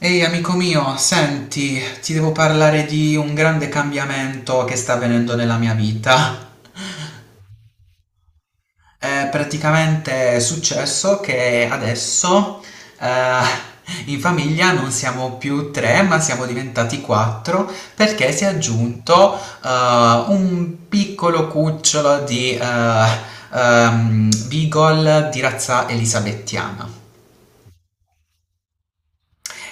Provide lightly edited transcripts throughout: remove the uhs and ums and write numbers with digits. Ehi amico mio, senti, ti devo parlare di un grande cambiamento che sta avvenendo nella mia vita. È praticamente successo che adesso eh, in famiglia non siamo più tre, ma siamo diventati quattro perché si è aggiunto un piccolo cucciolo di Beagle di razza elisabettiana.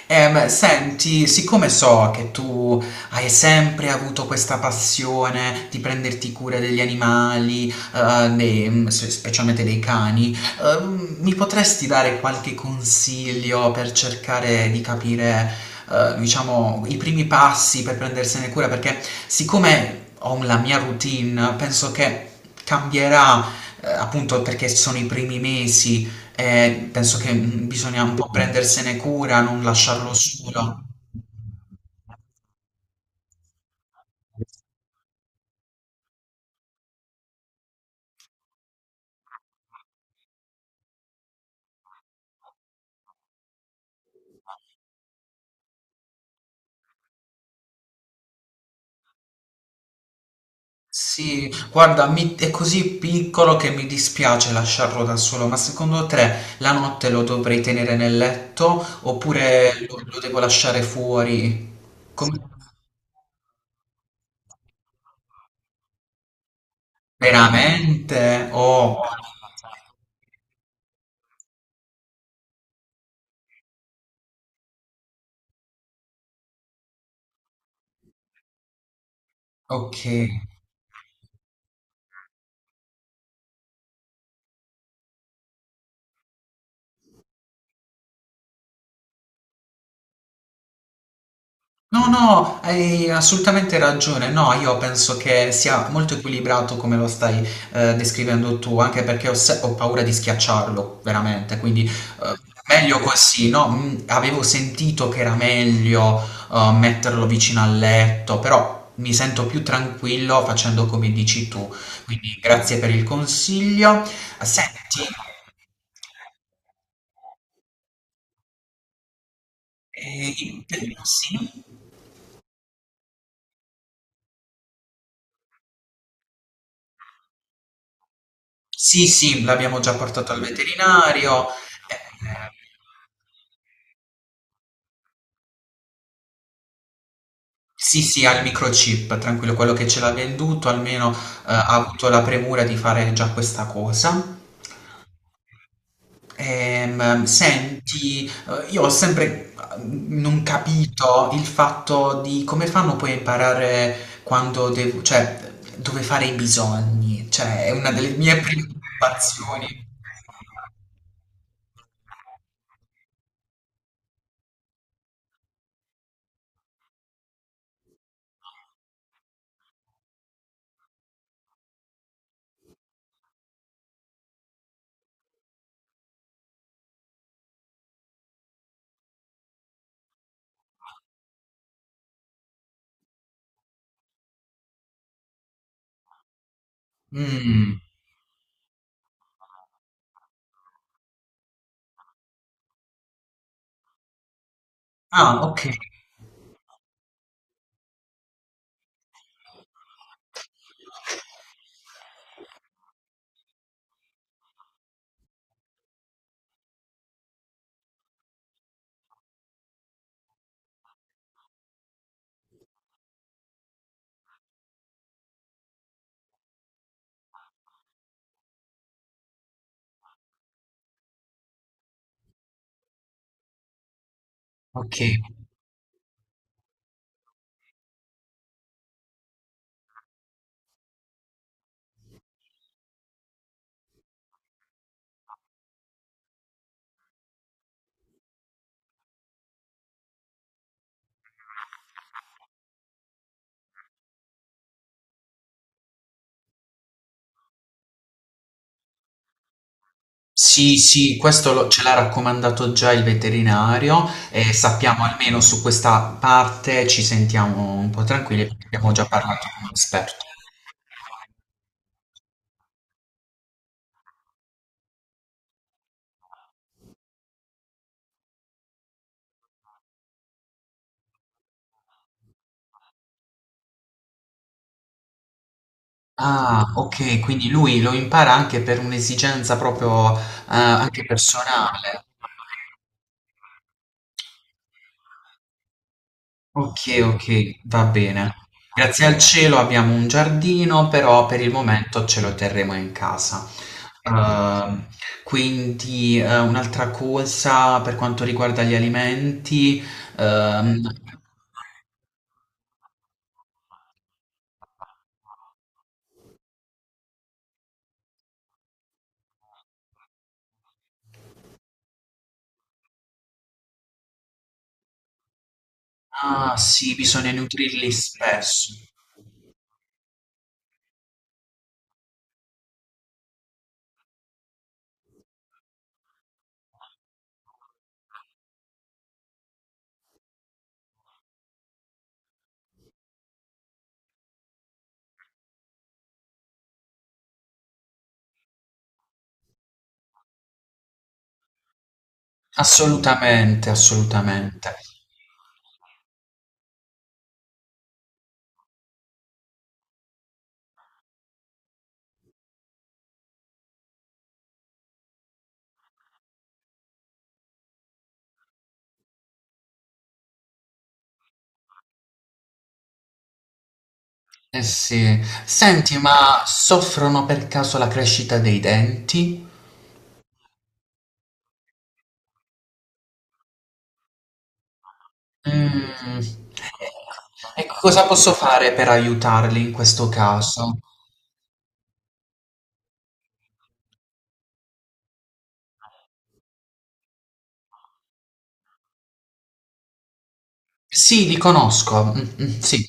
Senti, siccome so che tu hai sempre avuto questa passione di prenderti cura degli animali, specialmente dei cani, mi potresti dare qualche consiglio per cercare di capire, diciamo, i primi passi per prendersene cura? Perché siccome ho la mia routine, penso che cambierà, appunto perché sono i primi mesi penso che bisogna un po' prendersene cura, non lasciarlo solo. Sì, guarda, è così piccolo che mi dispiace lasciarlo da solo, ma secondo te la notte lo dovrei tenere nel letto oppure lo devo lasciare fuori? Come- Veramente? Oh, ok. No, no, hai assolutamente ragione. No, io penso che sia molto equilibrato come lo stai descrivendo tu, anche perché ho, se- ho paura di schiacciarlo, veramente. Quindi eh, meglio così, no? Avevo sentito che era meglio metterlo vicino al letto, però mi sento più tranquillo facendo come dici tu. Quindi grazie per il consiglio. Senti, eh, sì, sì, sì, l'abbiamo già portato al veterinario. Eh, Sì, sì, ha il microchip, tranquillo, quello che ce l'ha venduto almeno ha avuto la premura di fare già questa cosa. Senti, io ho sempre non capito il fatto di come fanno poi a imparare cioè dove fare i bisogni, cioè è una delle mie preoccupazioni. Mm. Ah, ok, ok. Sì, sì, questo lo ce l'ha raccomandato già il veterinario e sappiamo almeno su questa parte ci sentiamo un po' tranquilli perché abbiamo già parlato con un esperto. Ah, ok, quindi lui lo impara anche per un'esigenza proprio anche personale. Ok, ok, va bene. Grazie al cielo abbiamo un giardino, però per il momento ce lo terremo in casa. Ehm, quindi un'altra cosa per quanto riguarda gli alimenti, ehm, ah sì, bisogna nutrirli spesso. Assolutamente, assolutamente. Eh sì. Senti, ma soffrono per caso la crescita dei denti? Mh. E cosa posso fare per aiutarli in questo caso? Sì, li conosco. Mh-mh, sì.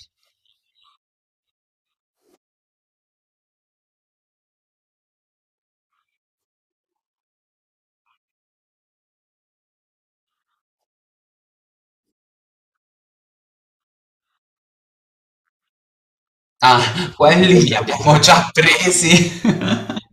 Ah, quelli li abbiamo già presi.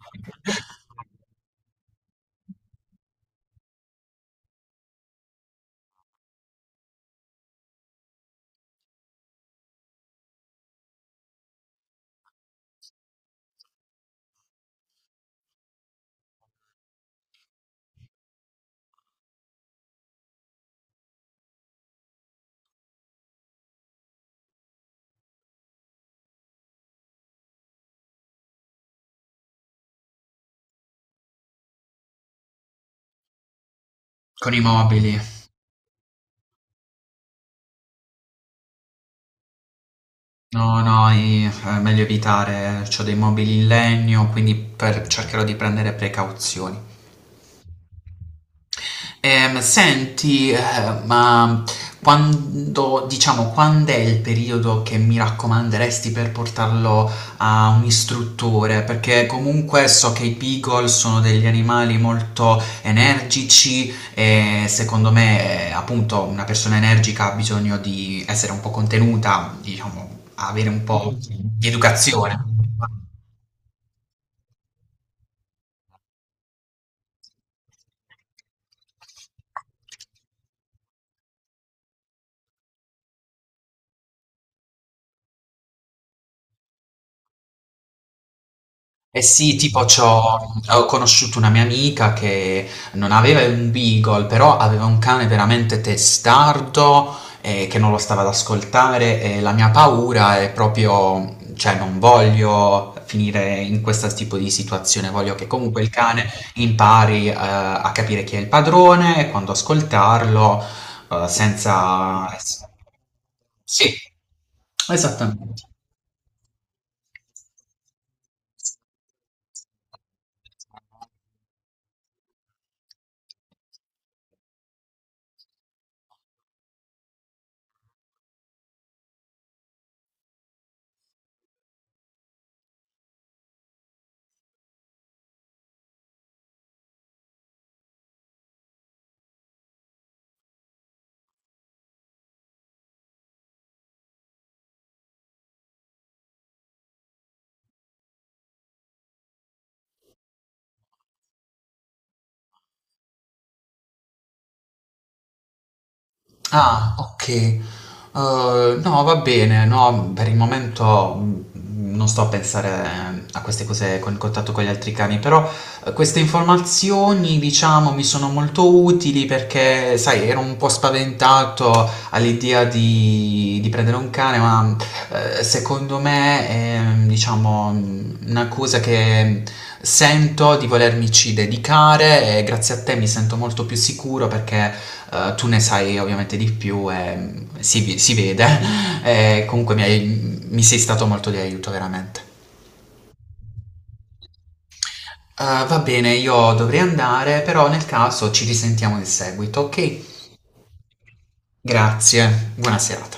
Con i mobili. No, no, i è meglio evitare. C'ho dei mobili in legno, quindi per cercherò di prendere precauzioni. Senti, ma quando, diciamo, quando è il periodo che mi raccomanderesti per portarlo a un istruttore? Perché comunque so che i beagle sono degli animali molto energici e secondo me, appunto, una persona energica ha bisogno di essere un po' contenuta, diciamo, avere un po' di educazione. Eh sì, tipo c'ho ho conosciuto una mia amica che non aveva un beagle, però aveva un cane veramente testardo che non lo stava ad ascoltare e la mia paura è proprio, cioè non voglio finire in questo tipo di situazione, voglio che comunque il cane impari a capire chi è il padrone, e quando ascoltarlo, senza. Sì, esattamente. Ah, ok. No, va bene, no, per il momento non sto a pensare a queste cose con il contatto con gli altri cani, però queste informazioni, diciamo, mi sono molto utili perché, sai, ero un po' spaventato all'idea di prendere un cane, ma secondo me è, diciamo, una cosa che sento di volermici dedicare e grazie a te mi sento molto più sicuro perché tu ne sai ovviamente di più e si vede. E comunque mi sei stato molto di aiuto, veramente. Va bene, io dovrei andare, però nel caso ci risentiamo in seguito, ok? Grazie, buona serata.